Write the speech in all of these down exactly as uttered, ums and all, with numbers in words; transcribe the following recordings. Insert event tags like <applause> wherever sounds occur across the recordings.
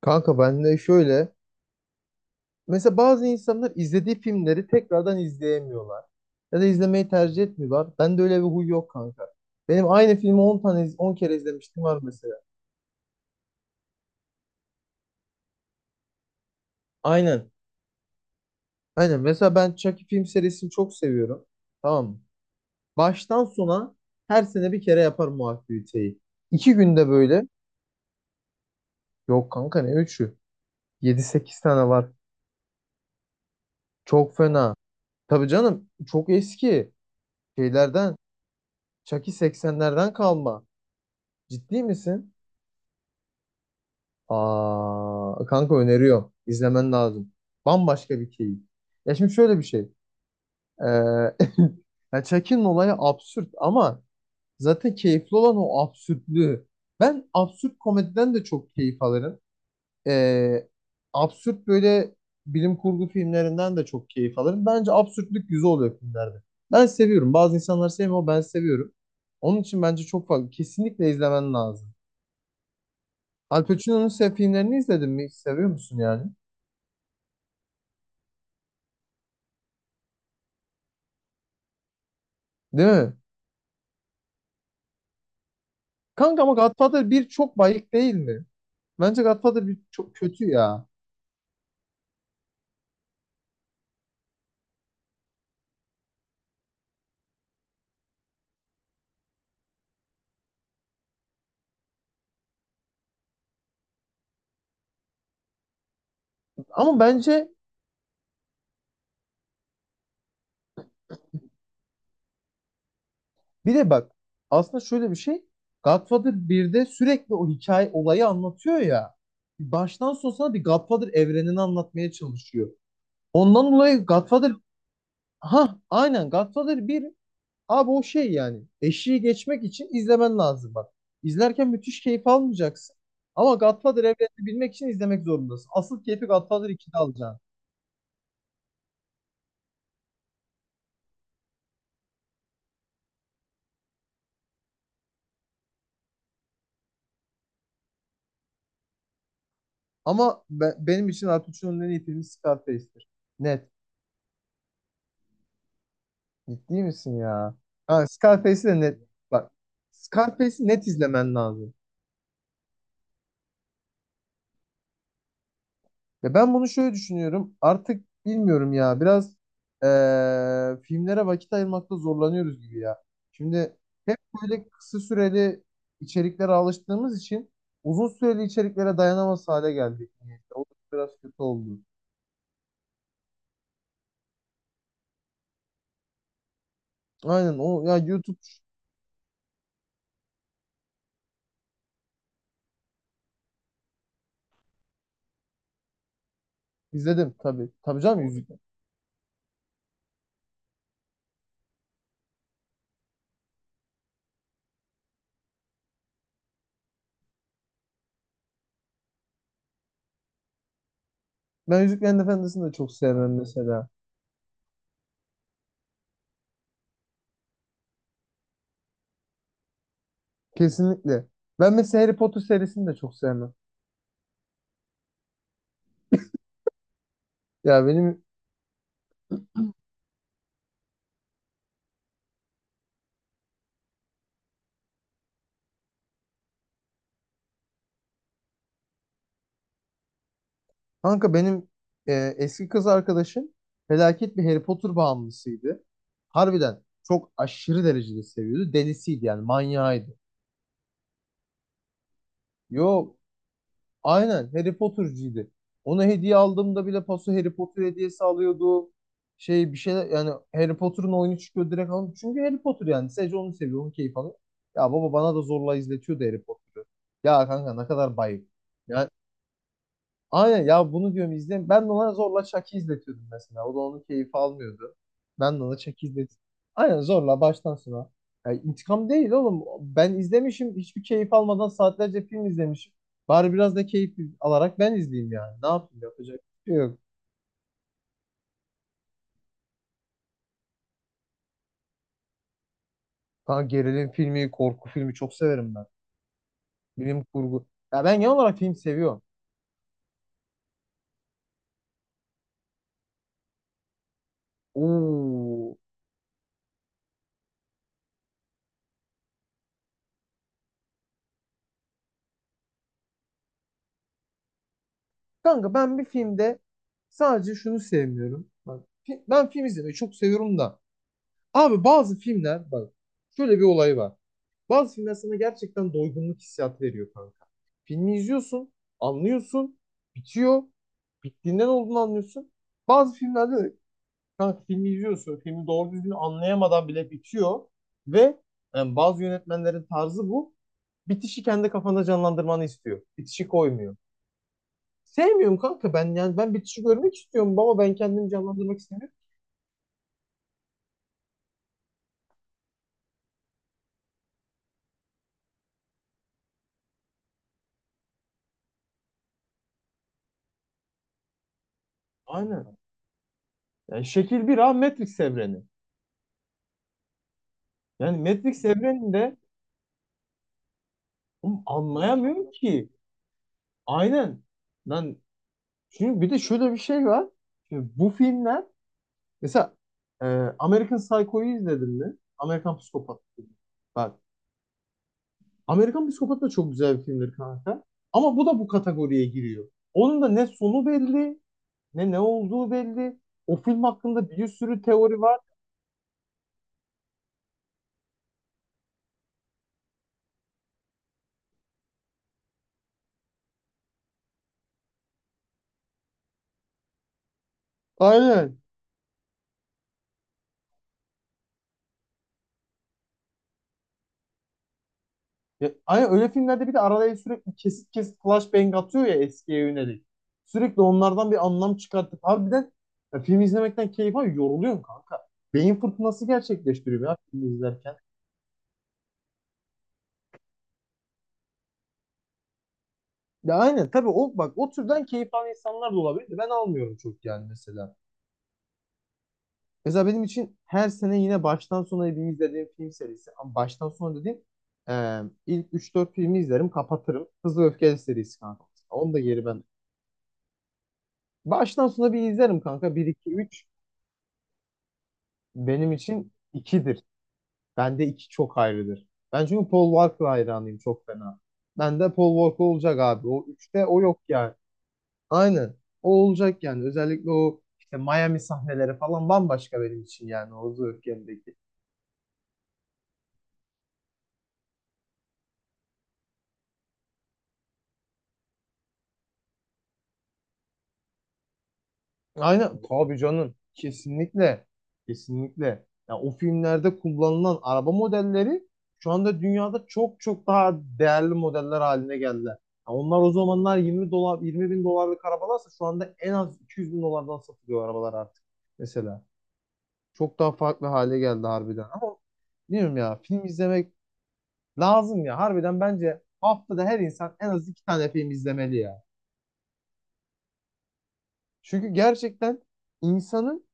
Kanka ben de şöyle. Mesela bazı insanlar izlediği filmleri tekrardan izleyemiyorlar. Ya da izlemeyi tercih etmiyorlar. Ben de öyle bir huy yok kanka. Benim aynı filmi on tane iz- on kere izlemiştim var mesela. Aynen. Aynen. Mesela ben Chucky film serisini çok seviyorum. Tamam mı? Baştan sona her sene bir kere yaparım o aktiviteyi. iki günde böyle. Yok kanka ne üçü, yedi sekiz tane var. Çok fena. Tabii canım, çok eski şeylerden. Chucky seksenlerden kalma. Ciddi misin? Aa, kanka öneriyorum. İzlemen lazım. Bambaşka bir keyif. Ya şimdi şöyle bir şey. Ee, <laughs> ya Chuck'in olayı absürt ama zaten keyifli olan o absürtlüğü. Ben absürt komediden de çok keyif alırım. Ee, absürt böyle bilim kurgu filmlerinden de çok keyif alırım. Bence absürtlük güzel oluyor filmlerde. Ben seviyorum. Bazı insanlar sevmiyor ama ben seviyorum. Onun için bence çok fazla. Kesinlikle izlemen lazım. Al Pacino'nun sev filmlerini izledin mi? Seviyor musun yani? Değil mi? Kanka ama Godfather bir çok bayık değil mi? Bence Godfather bir çok kötü ya. Ama bence bir de bak, aslında şöyle bir şey. Godfather birde sürekli o hikaye olayı anlatıyor ya. Baştan sona sana bir Godfather evrenini anlatmaya çalışıyor. Ondan dolayı Godfather, ha aynen Godfather bir abi o şey yani. Eşiği geçmek için izlemen lazım bak. İzlerken müthiş keyif almayacaksın. Ama Godfather evrenini bilmek için izlemek zorundasın. Asıl keyfi Godfather ikide alacaksın. Ama be- benim için Artuç'un en iyi filmi Scarface'tir. Net. Ciddi misin ya? Ha, Scarface'i de net. Bak, Scarface'i net izlemen lazım. Ya ben bunu şöyle düşünüyorum. Artık bilmiyorum ya. Biraz eee, filmlere vakit ayırmakta zorlanıyoruz gibi ya. Şimdi hep böyle kısa süreli içeriklere alıştığımız için uzun süreli içeriklere dayanamaz hale geldik. O da biraz kötü oldu. Aynen o ya, YouTube izledim tabii. Tabii canım. Ben Yüzüklerin Efendisi'ni de çok sevmem mesela. Kesinlikle. Ben mesela Harry Potter serisini de çok sevmem. Ya benim kanka benim e, eski kız arkadaşım felaket bir Harry Potter bağımlısıydı. Harbiden çok aşırı derecede seviyordu. Delisiydi yani, manyağıydı. Yo, aynen Harry Potter'cıydı. Ona hediye aldığımda bile paso Harry Potter hediyesi alıyordu. Şey bir şeyler yani, Harry Potter'ın oyunu çıkıyor direkt alın. Çünkü Harry Potter yani, sadece onu seviyor, onu keyif alıyor. Ya baba, bana da zorla izletiyordu Harry Potter'ı. Ya kanka ne kadar bayık. Yani aynen ya, bunu diyorum izle. Ben de ona zorla Chuck'ı izletiyordum mesela. O da onun keyfi almıyordu. Ben de ona Chuck'ı izletiyordum. Aynen zorla baştan sona. Ya intikam değil oğlum. Ben izlemişim, hiçbir keyif almadan saatlerce film izlemişim. Bari biraz da keyif alarak ben izleyeyim yani. Ne yapayım, yapacak bir şey yok. Kanka gerilim filmi, korku filmi çok severim ben. Bilim kurgu. Ya ben genel olarak film seviyorum. Oo. Kanka ben bir filmde sadece şunu sevmiyorum. Bak, fi- ben film izlemeyi çok seviyorum da. Abi bazı filmler bak, şöyle bir olay var. Bazı filmler sana gerçekten doygunluk hissiyatı veriyor kanka. Filmi izliyorsun, anlıyorsun, bitiyor. Bittiğinden olduğunu anlıyorsun. Bazı filmlerde de kanka filmi izliyorsun, filmi doğru düzgün anlayamadan bile bitiyor. Ve yani, bazı yönetmenlerin tarzı bu. Bitişi kendi kafanda canlandırmanı istiyor. Bitişi koymuyor. Sevmiyorum kanka ben yani, ben bitişi görmek istiyorum baba, ben kendimi canlandırmak istemiyorum. Aynen. Yani şekil bir ha Matrix evreni. Yani Matrix evreninde oğlum anlayamıyorum ki. Aynen. Lan çünkü bir de şöyle bir şey var. Şimdi bu filmler mesela, e, American Psycho'yu izledin mi? Amerikan Psikopat filmi. Bak, Amerikan Psikopat da çok güzel bir filmdir kanka. Ama bu da bu kategoriye giriyor. Onun da ne sonu belli, ne ne olduğu belli. O film hakkında bir sürü teori var. Aynen. Ya aynen, öyle filmlerde bir de araya sürekli kesit kesit flashbang atıyor ya eskiye yönelik. Sürekli onlardan bir anlam çıkartıp harbiden ya, film izlemekten keyif alıyor. Yoruluyorsun kanka. Beyin fırtınası gerçekleştiriyor ya film izlerken. Ya aynen tabii, o bak o türden keyif alan insanlar da olabilir de. Ben almıyorum çok yani mesela. Mesela benim için her sene yine baştan sona bir izlediğim film serisi. Ama baştan sona dediğim, e, ilk üç dört filmi izlerim kapatırım. Hızlı ve Öfkeli serisi kanka. Onu da geri ben baştan sona bir izlerim kanka. Bir iki üç. Benim için ikidir. Bende iki çok ayrıdır. Ben çünkü Paul Walker hayranıyım çok fena. Ben de Paul Walker olacak abi. O üçte o yok yani. Aynen. O olacak yani. Özellikle o işte Miami sahneleri falan bambaşka benim için yani. O Zırh. Aynen tabii canım. Kesinlikle. Kesinlikle. Ya o filmlerde kullanılan araba modelleri şu anda dünyada çok çok daha değerli modeller haline geldiler. Ya onlar o zamanlar yirmi dolar, yirmi bin dolarlık arabalarsa şu anda en az iki yüz bin dolardan satılıyor arabalar artık. Mesela. Çok daha farklı hale geldi harbiden. Ama bilmiyorum ya, film izlemek lazım ya. Harbiden bence haftada her insan en az iki tane film izlemeli ya. Çünkü gerçekten insanın,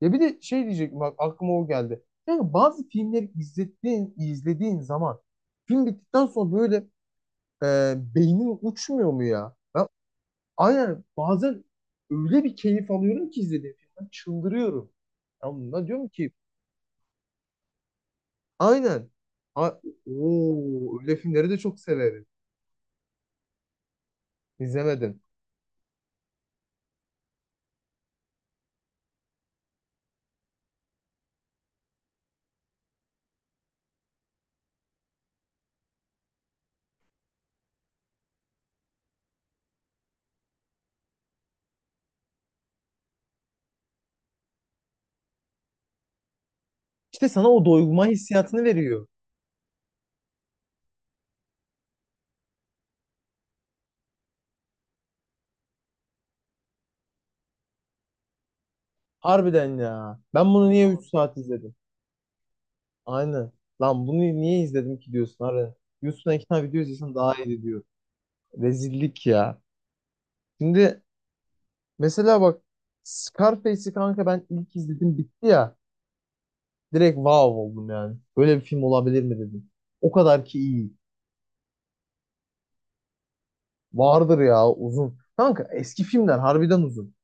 ya bir de şey diyecektim bak, aklıma o geldi. Yani bazı filmleri izlediğin, izlediğin zaman film bittikten sonra böyle e, beynin uçmuyor mu ya? Ben aynen bazen öyle bir keyif alıyorum ki izlediğim filmden çıldırıyorum. Ya bundan diyorum ki aynen. A. Oo, öyle filmleri de çok severim. İzlemedim. İşte sana o doygunma hissiyatını veriyor. Harbiden ya. Ben bunu niye üç saat izledim? Aynen. Lan bunu niye izledim ki diyorsun harbiden. YouTube'dan iki tane video izlesen daha iyi diyor. Rezillik ya. Şimdi mesela bak, Scarface'i kanka ben ilk izledim bitti ya. Direkt wow oldum yani. Böyle bir film olabilir mi dedim. O kadar ki iyi. Vardır ya, uzun. Kanka eski filmler harbiden uzun.